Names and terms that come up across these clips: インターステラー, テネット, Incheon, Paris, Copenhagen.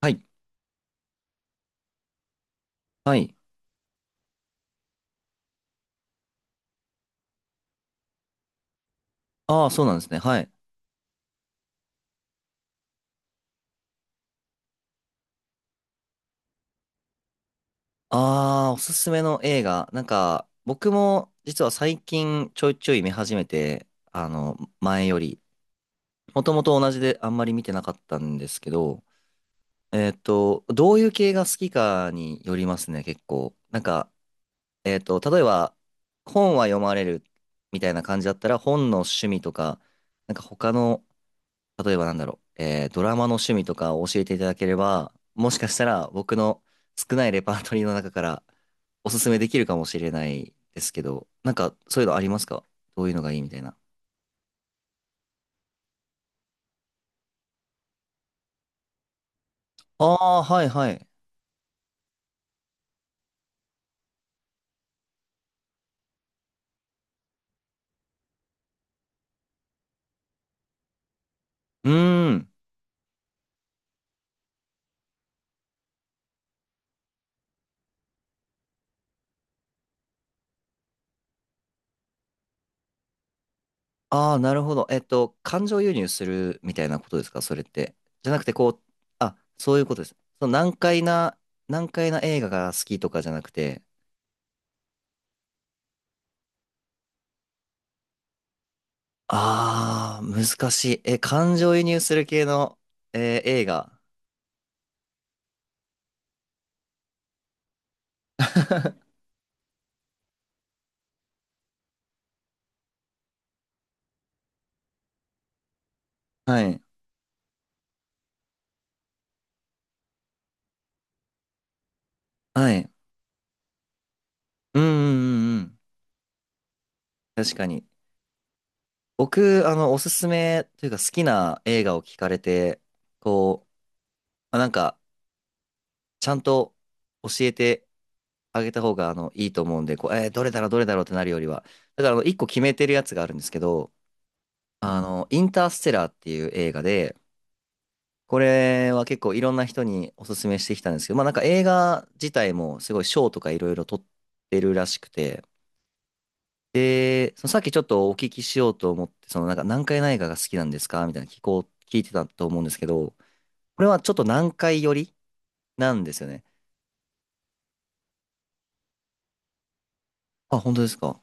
はい。はい。ああ、そうなんですね。はい。ああ、おすすめの映画。なんか、僕も実は最近ちょいちょい見始めて、前より。もともと同じであんまり見てなかったんですけど、どういう系が好きかによりますね、結構。なんか、例えば、本は読まれるみたいな感じだったら、本の趣味とか、なんか他の例えばなんだろう、ドラマの趣味とかを教えていただければ、もしかしたら僕の少ないレパートリーの中からおすすめできるかもしれないですけど、なんかそういうのありますか？どういうのがいいみたいな。ああ、はいはい。うーん。ああ、なるほど。感情移入するみたいなことですか、それって？じゃなくて、こう、あ、そういうことです。その難解な映画が好きとかじゃなくて、ああ、難しい。え、感情移入する系の、映画。はい。はい。うんうんうんうん。確かに。僕、おすすめというか好きな映画を聞かれて、こう、まあなんか、ちゃんと教えてあげた方が、いいと思うんで、こう、どれだろう、どれだろうってなるよりは。だから、一個決めてるやつがあるんですけど、インターステラーっていう映画で、これは結構いろんな人におすすめしてきたんですけど、まあなんか映画自体もすごい賞とかいろいろ取ってるらしくて、で、そのさっきちょっとお聞きしようと思って、そのなんか南海内科が好きなんですかみたいな聞こう、聞いてたと思うんですけど、これはちょっと南海寄りなんですよね。あ、本当ですか？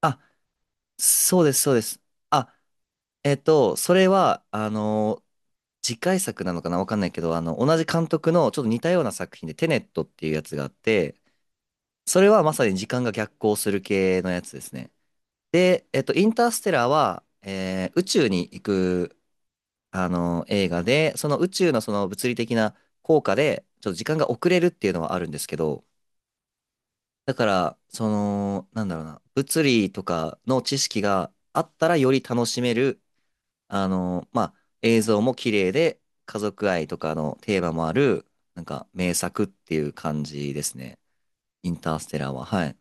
あ、そうです、そうです。あ、それは、次回作なのかなわかんないけど、同じ監督のちょっと似たような作品でテネットっていうやつがあって、それはまさに時間が逆行する系のやつですね。で、インターステラーは、宇宙に行く映画で、その宇宙のその物理的な効果で、ちょっと時間が遅れるっていうのはあるんですけど、だから、その、なんだろうな、物理とかの知識があったらより楽しめる、まあ、映像も綺麗で、家族愛とかのテーマもある、なんか名作っていう感じですね。インターステラーは。はい。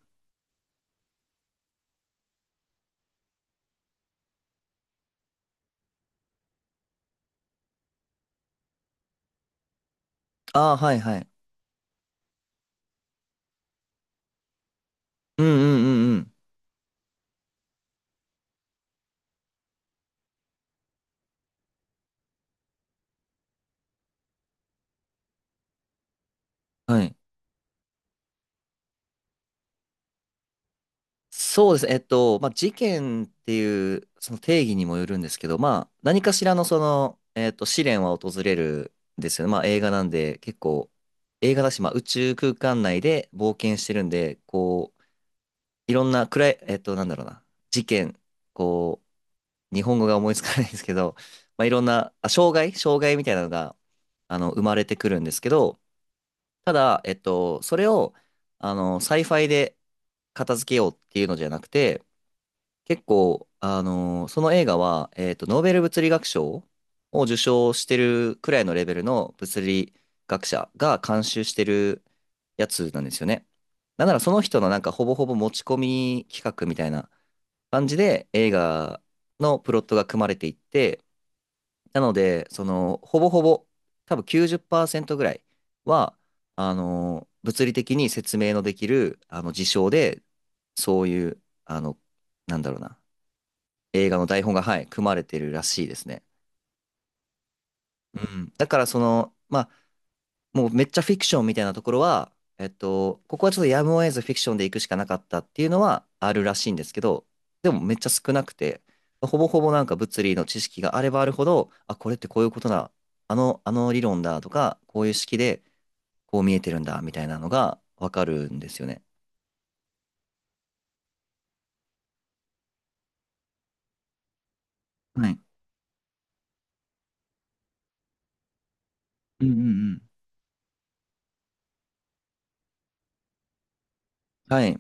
ああ、はいはい。うんうんうんうん。はい。そうですね。まあ、事件っていうその定義にもよるんですけど、まあ、何かしらのその、試練は訪れるんですよね。まあ、映画なんで、結構、映画だし、まあ、宇宙空間内で冒険してるんで、こう、いろんな暗い、なんだろうな、事件、こう、日本語が思いつかないんですけど、まあ、いろんな、あ、障害みたいなのが、生まれてくるんですけど、ただ、それを、サイファイで片付けようっていうのじゃなくて、結構、その映画は、ノーベル物理学賞を受賞してるくらいのレベルの物理学者が監修してるやつなんですよね。なんならその人のなんかほぼほぼ持ち込み企画みたいな感じで映画のプロットが組まれていって、なので、その、ほぼほぼ、多分90%ぐらいは、物理的に説明のできる、事象で、そういう、あの、なんだろうな。映画の台本が、はい、組まれてるらしいですね。うん。だからその、まあ、もうめっちゃフィクションみたいなところは、ここはちょっとやむを得ずフィクションで行くしかなかったっていうのはあるらしいんですけど、でもめっちゃ少なくて、ほぼほぼなんか物理の知識があればあるほど、あ、これってこういうことだ、あの理論だとか、こういう式でこう見えてるんだみたいなのがわかるんですよね。はい。うんうんうん。はい。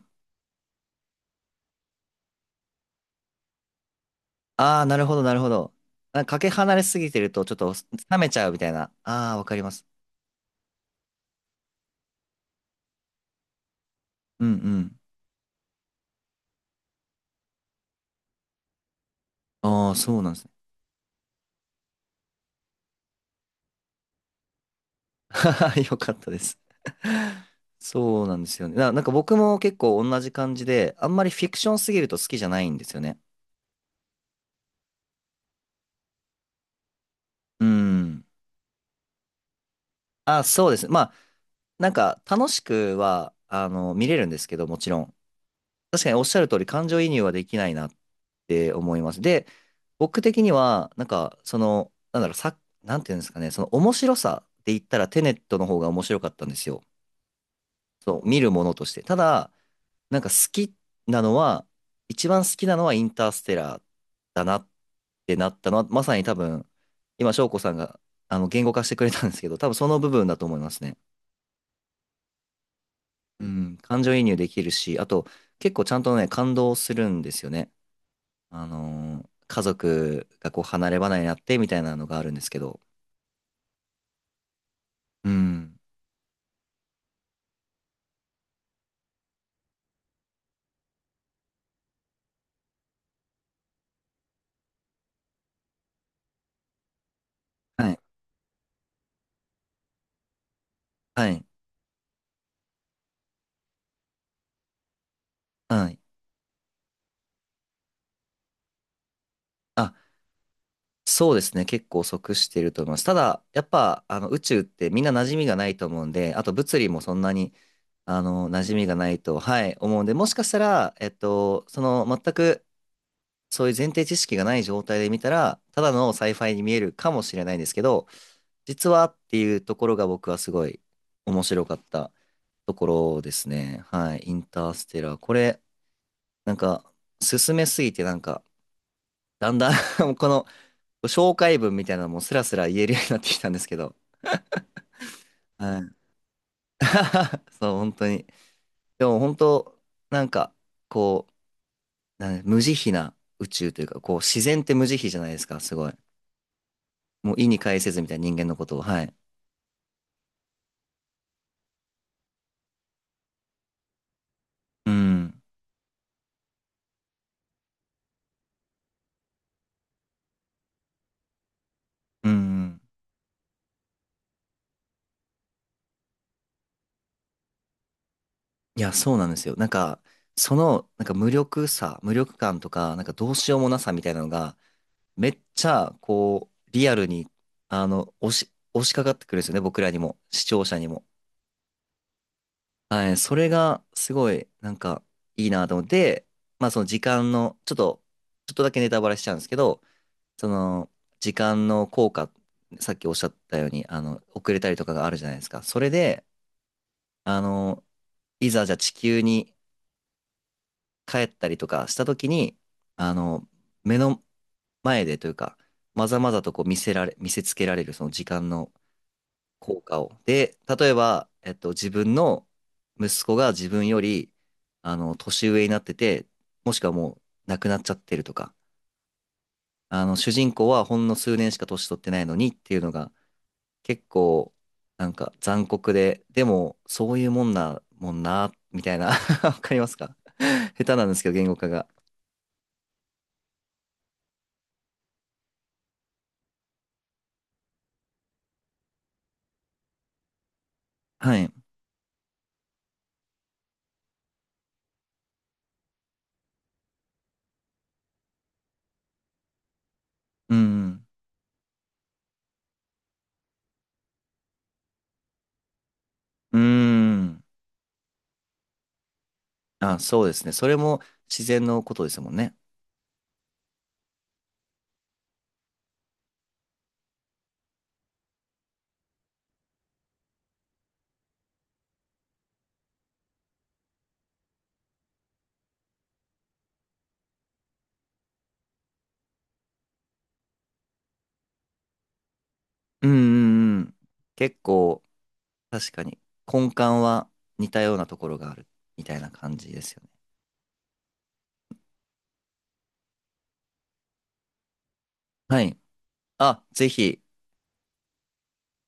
ああ、なるほど、なるほど。なんかかけ離れすぎてると、ちょっと冷めちゃうみたいな。ああ、わかります。うんうん。ああ、そうなんですね。よかったです。そうなんですよね。なんか僕も結構同じ感じで、あんまりフィクションすぎると好きじゃないんですよね。うん。あ、そうです。まあ、なんか楽しくは、見れるんですけど、もちろん。確かにおっしゃる通り、感情移入はできないなって思います。で、僕的には、なんか、その、なんだろう、なんていうんですかね、その面白さで言ったらテネットの方が面白かったんですよ。そう、見るものとして。ただ、なんか好きなのは、一番好きなのはインターステラーだなってなったのは、まさに多分、今、翔子さんが、言語化してくれたんですけど、多分その部分だと思いますね。うん、感情移入できるし、あと、結構ちゃんとね、感動するんですよね。家族がこう離れ離れになってみたいなのがあるんですけど。うん。はい。はい。はい。あ、そうですね。結構即してると思います。ただ、やっぱ、宇宙ってみんな馴染みがないと思うんで、あと物理もそんなに、馴染みがないと、はい、思うんで、もしかしたら、その、全く、そういう前提知識がない状態で見たら、ただのサイファイに見えるかもしれないんですけど、実はっていうところが僕はすごい面白かったところですね。はい。インターステラー。これ、なんか、進めすぎてなんか、だんだん もうこの紹介文みたいなのもスラスラ言えるようになってきたんですけど。はい。そう、本当に。でも本当、なんか、こう、無慈悲な宇宙というか、こう、自然って無慈悲じゃないですか、すごい。もう意に介せずみたいな人間のことを。はい。うん。うんうん。いや、そうなんですよ。なんか、その、なんか無力感とか、なんかどうしようもなさみたいなのが、めっちゃ、こう、リアルに、押しかかってくるんですよね、僕らにも、視聴者にも。はい、それが、すごい、なんか、いいなと思って、まあ、その時間の、ちょっとだけネタバレしちゃうんですけど、その、時間の効果、さっきおっしゃったように、遅れたりとかがあるじゃないですか。それで、あの、いざじゃあ地球に帰ったりとかした時に、あの、目の前でというか、まざまざとこう見せつけられるその時間の効果を。で、例えば、自分の息子が自分より、年上になってて、もしくはもう亡くなっちゃってるとか、主人公はほんの数年しか年取ってないのにっていうのが、結構、なんか残酷で、でも、そういうもんな、もんな、みたいな わかりますか？ 下手なんですけど、言語化が。はい。うん。うん。あ、そうですね。それも自然のことですもんね。うんうんうん。結構、確かに、根幹は似たようなところがあるみたいな感じですよね。はい。あ、ぜひ。